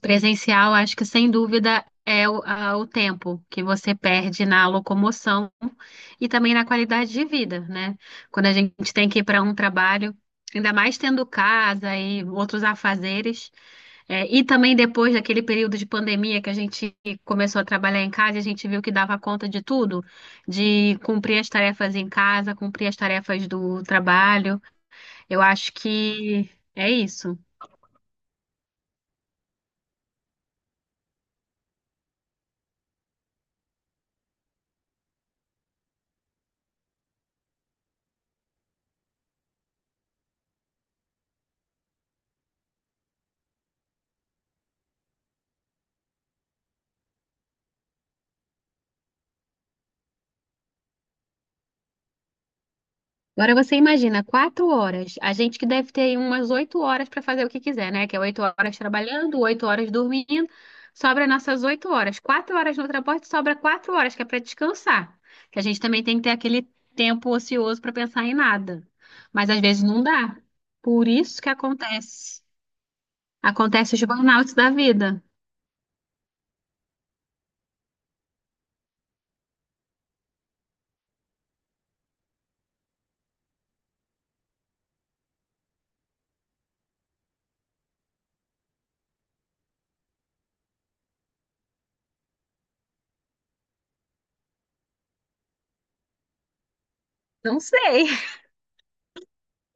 Presencial, acho que sem dúvida é o tempo que você perde na locomoção e também na qualidade de vida, né? Quando a gente tem que ir para um trabalho, ainda mais tendo casa e outros afazeres, e também depois daquele período de pandemia que a gente começou a trabalhar em casa, a gente viu que dava conta de tudo, de cumprir as tarefas em casa, cumprir as tarefas do trabalho. Eu acho que é isso. Agora você imagina, 4 horas. A gente que deve ter aí umas 8 horas para fazer o que quiser, né? Que é 8 horas trabalhando, 8 horas dormindo. Sobra nossas 8 horas. 4 horas no transporte, sobra 4 horas, que é para descansar. Que a gente também tem que ter aquele tempo ocioso para pensar em nada. Mas às vezes não dá. Por isso que acontece. Acontece os burnouts da vida. Não sei.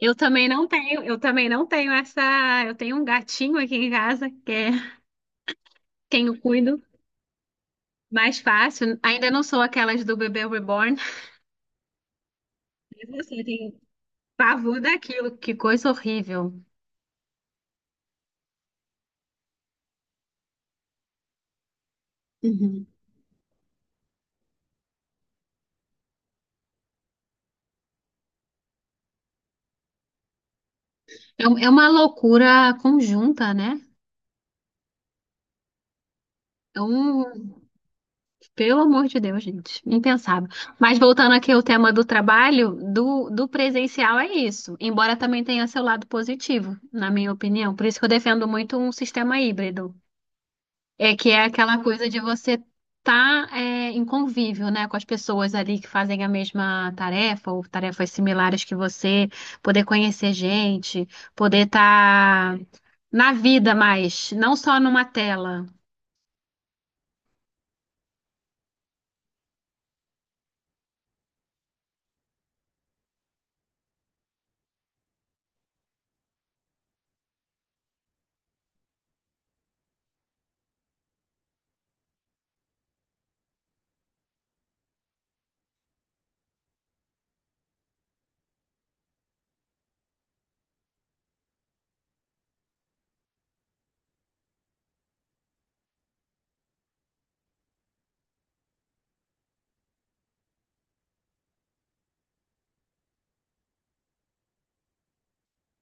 Eu também não tenho essa. Eu tenho um gatinho aqui em casa que é quem eu cuido. Mais fácil. Ainda não sou aquelas do bebê reborn. Mas assim, tem pavor daquilo. Que coisa horrível. Uhum. É, é uma loucura conjunta, né? É um... Pelo amor de Deus, gente. Impensável. Mas voltando aqui ao tema do trabalho, do presencial é isso. Embora também tenha seu lado positivo, na minha opinião. Por isso que eu defendo muito um sistema híbrido. É que é aquela coisa de você estar em convívio, né, com as pessoas ali que fazem a mesma tarefa ou tarefas similares que você, poder conhecer gente, poder estar na vida mais, não só numa tela.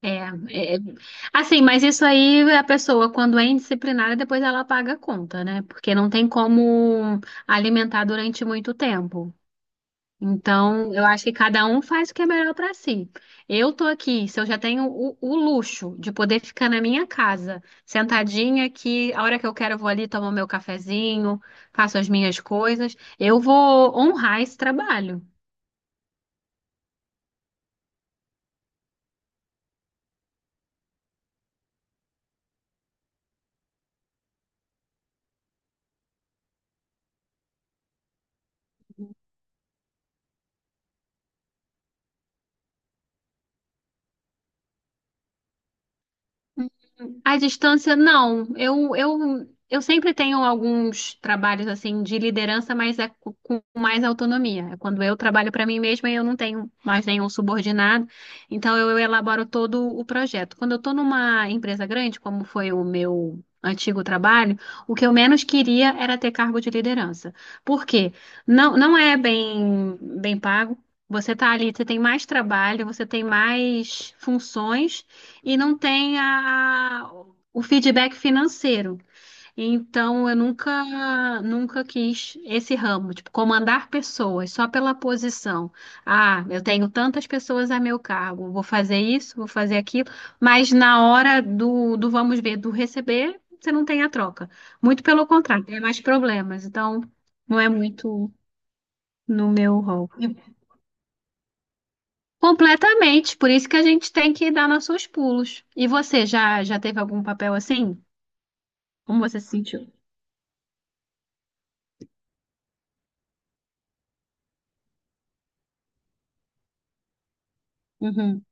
É, é, assim, mas isso aí a pessoa, quando é indisciplinada, depois ela paga a conta, né? Porque não tem como alimentar durante muito tempo. Então, eu acho que cada um faz o que é melhor para si. Eu tô aqui, se eu já tenho o luxo de poder ficar na minha casa, sentadinha aqui, a hora que eu quero eu vou ali tomar meu cafezinho, faço as minhas coisas, eu vou honrar esse trabalho. À distância, não. Eu sempre tenho alguns trabalhos assim de liderança, mas é com mais autonomia. É quando eu trabalho para mim mesma, eu não tenho mais nenhum subordinado, então eu elaboro todo o projeto. Quando eu estou numa empresa grande, como foi o meu antigo trabalho, o que eu menos queria era ter cargo de liderança. Por quê? Não, não é bem, bem pago. Você está ali, você tem mais trabalho, você tem mais funções e não tem a, o feedback financeiro. Então, eu nunca, nunca quis esse ramo, tipo, comandar pessoas só pela posição. Ah, eu tenho tantas pessoas a meu cargo, vou fazer isso, vou fazer aquilo, mas na hora do vamos ver, do receber, você não tem a troca. Muito pelo contrário, tem mais problemas. Então, não é muito no meu rol. Completamente, por isso que a gente tem que dar nossos pulos. E você já teve algum papel assim? Como você se sentiu? Uhum,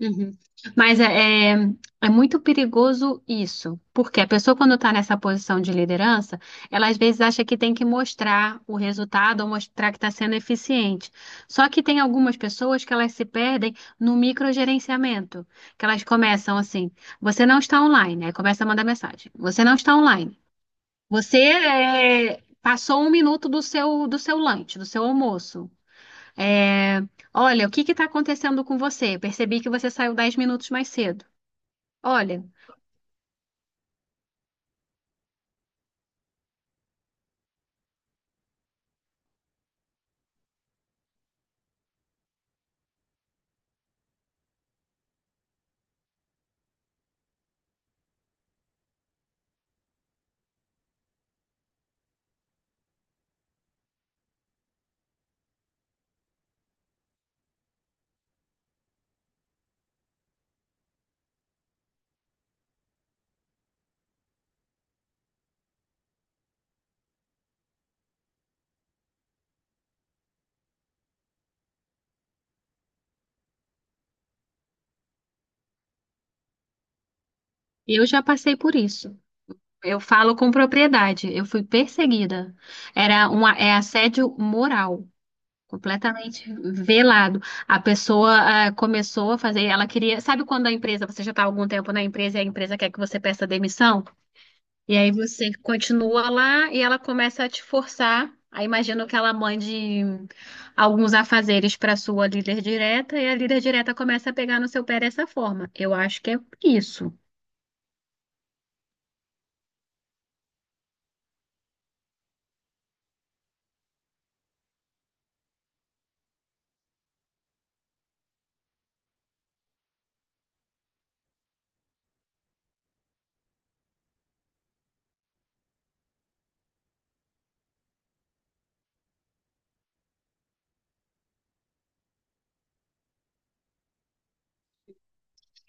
uhum. Mas é muito perigoso isso, porque a pessoa, quando está nessa posição de liderança, ela às vezes acha que tem que mostrar o resultado ou mostrar que está sendo eficiente. Só que tem algumas pessoas que elas se perdem no microgerenciamento, que elas começam assim: você não está online, aí começa a mandar mensagem: você não está online, você passou um minuto do seu lanche, do seu almoço. É, Olha, o que está acontecendo com você? Percebi que você saiu 10 minutos mais cedo. Olha, eu já passei por isso. Eu falo com propriedade. Eu fui perseguida. Era é assédio moral, completamente velado. A pessoa começou a fazer, ela queria, sabe quando a empresa, você já está há algum tempo na empresa e a empresa quer que você peça demissão? E aí você continua lá e ela começa a te forçar. Aí imagino que ela mande alguns afazeres para sua líder direta e a líder direta começa a pegar no seu pé dessa forma. Eu acho que é isso.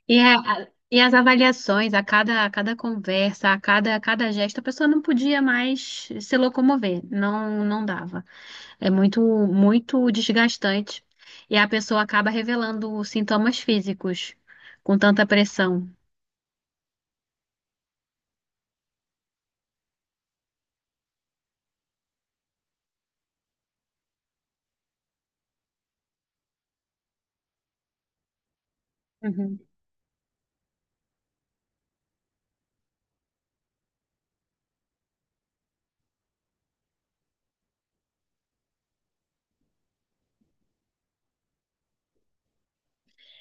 E as avaliações, a cada conversa, a cada gesto, a pessoa não podia mais se locomover. Não, não dava. É muito, muito desgastante. E a pessoa acaba revelando sintomas físicos com tanta pressão. Uhum.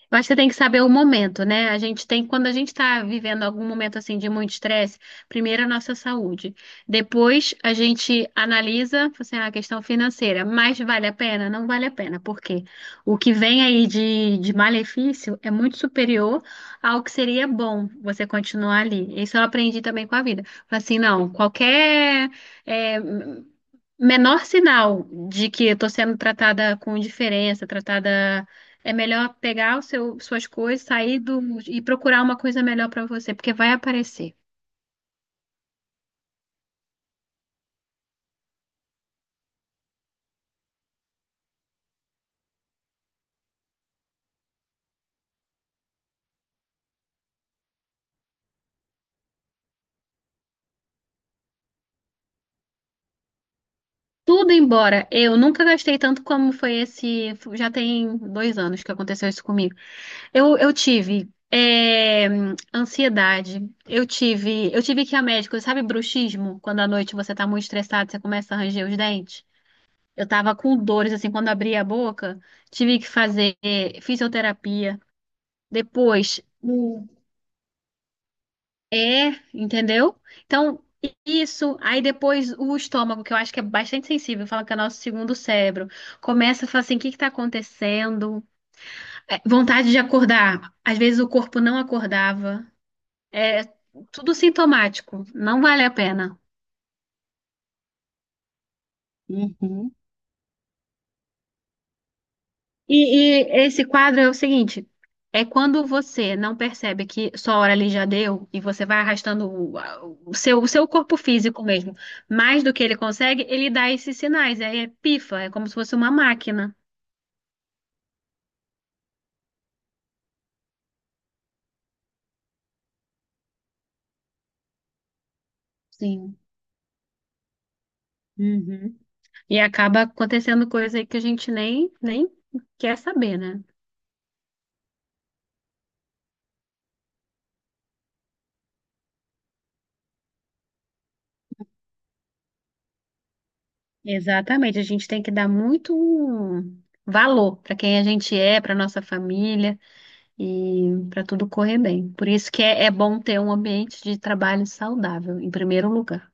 Eu acho que você tem que saber o momento, né? A gente tem, quando a gente está vivendo algum momento assim de muito estresse, primeiro a nossa saúde. Depois a gente analisa, assim, "Ah, a questão financeira, mas vale a pena? Não vale a pena, porque o que vem aí de malefício é muito superior ao que seria bom você continuar ali. Isso eu aprendi também com a vida. Falei assim, não, qualquer é, menor sinal de que eu estou sendo tratada com indiferença, tratada é melhor pegar o seu, suas coisas, sair do, e procurar uma coisa melhor pra você, porque vai aparecer. Tudo embora, eu nunca gastei tanto como foi esse. Já tem 2 anos que aconteceu isso comigo. Eu tive ansiedade, eu tive que ir a médico, sabe, bruxismo? Quando à noite você tá muito estressado, você começa a ranger os dentes. Eu tava com dores, assim, quando abria a boca, tive que fazer fisioterapia. Depois, é, entendeu? Então, isso, aí depois o estômago, que eu acho que é bastante sensível, fala que é o nosso segundo cérebro, começa a falar assim, o que que tá acontecendo? Vontade de acordar, às vezes o corpo não acordava, é tudo sintomático, não vale a pena. Uhum. E esse quadro é o seguinte: é quando você não percebe que sua hora ali já deu e você vai arrastando o seu corpo físico mesmo mais do que ele consegue, ele dá esses sinais. Aí é pifa, é como se fosse uma máquina. Sim. Uhum. E acaba acontecendo coisa aí que a gente nem quer saber, né? Exatamente, a gente tem que dar muito valor para quem a gente é, para nossa família e para tudo correr bem. Por isso que é bom ter um ambiente de trabalho saudável, em primeiro lugar.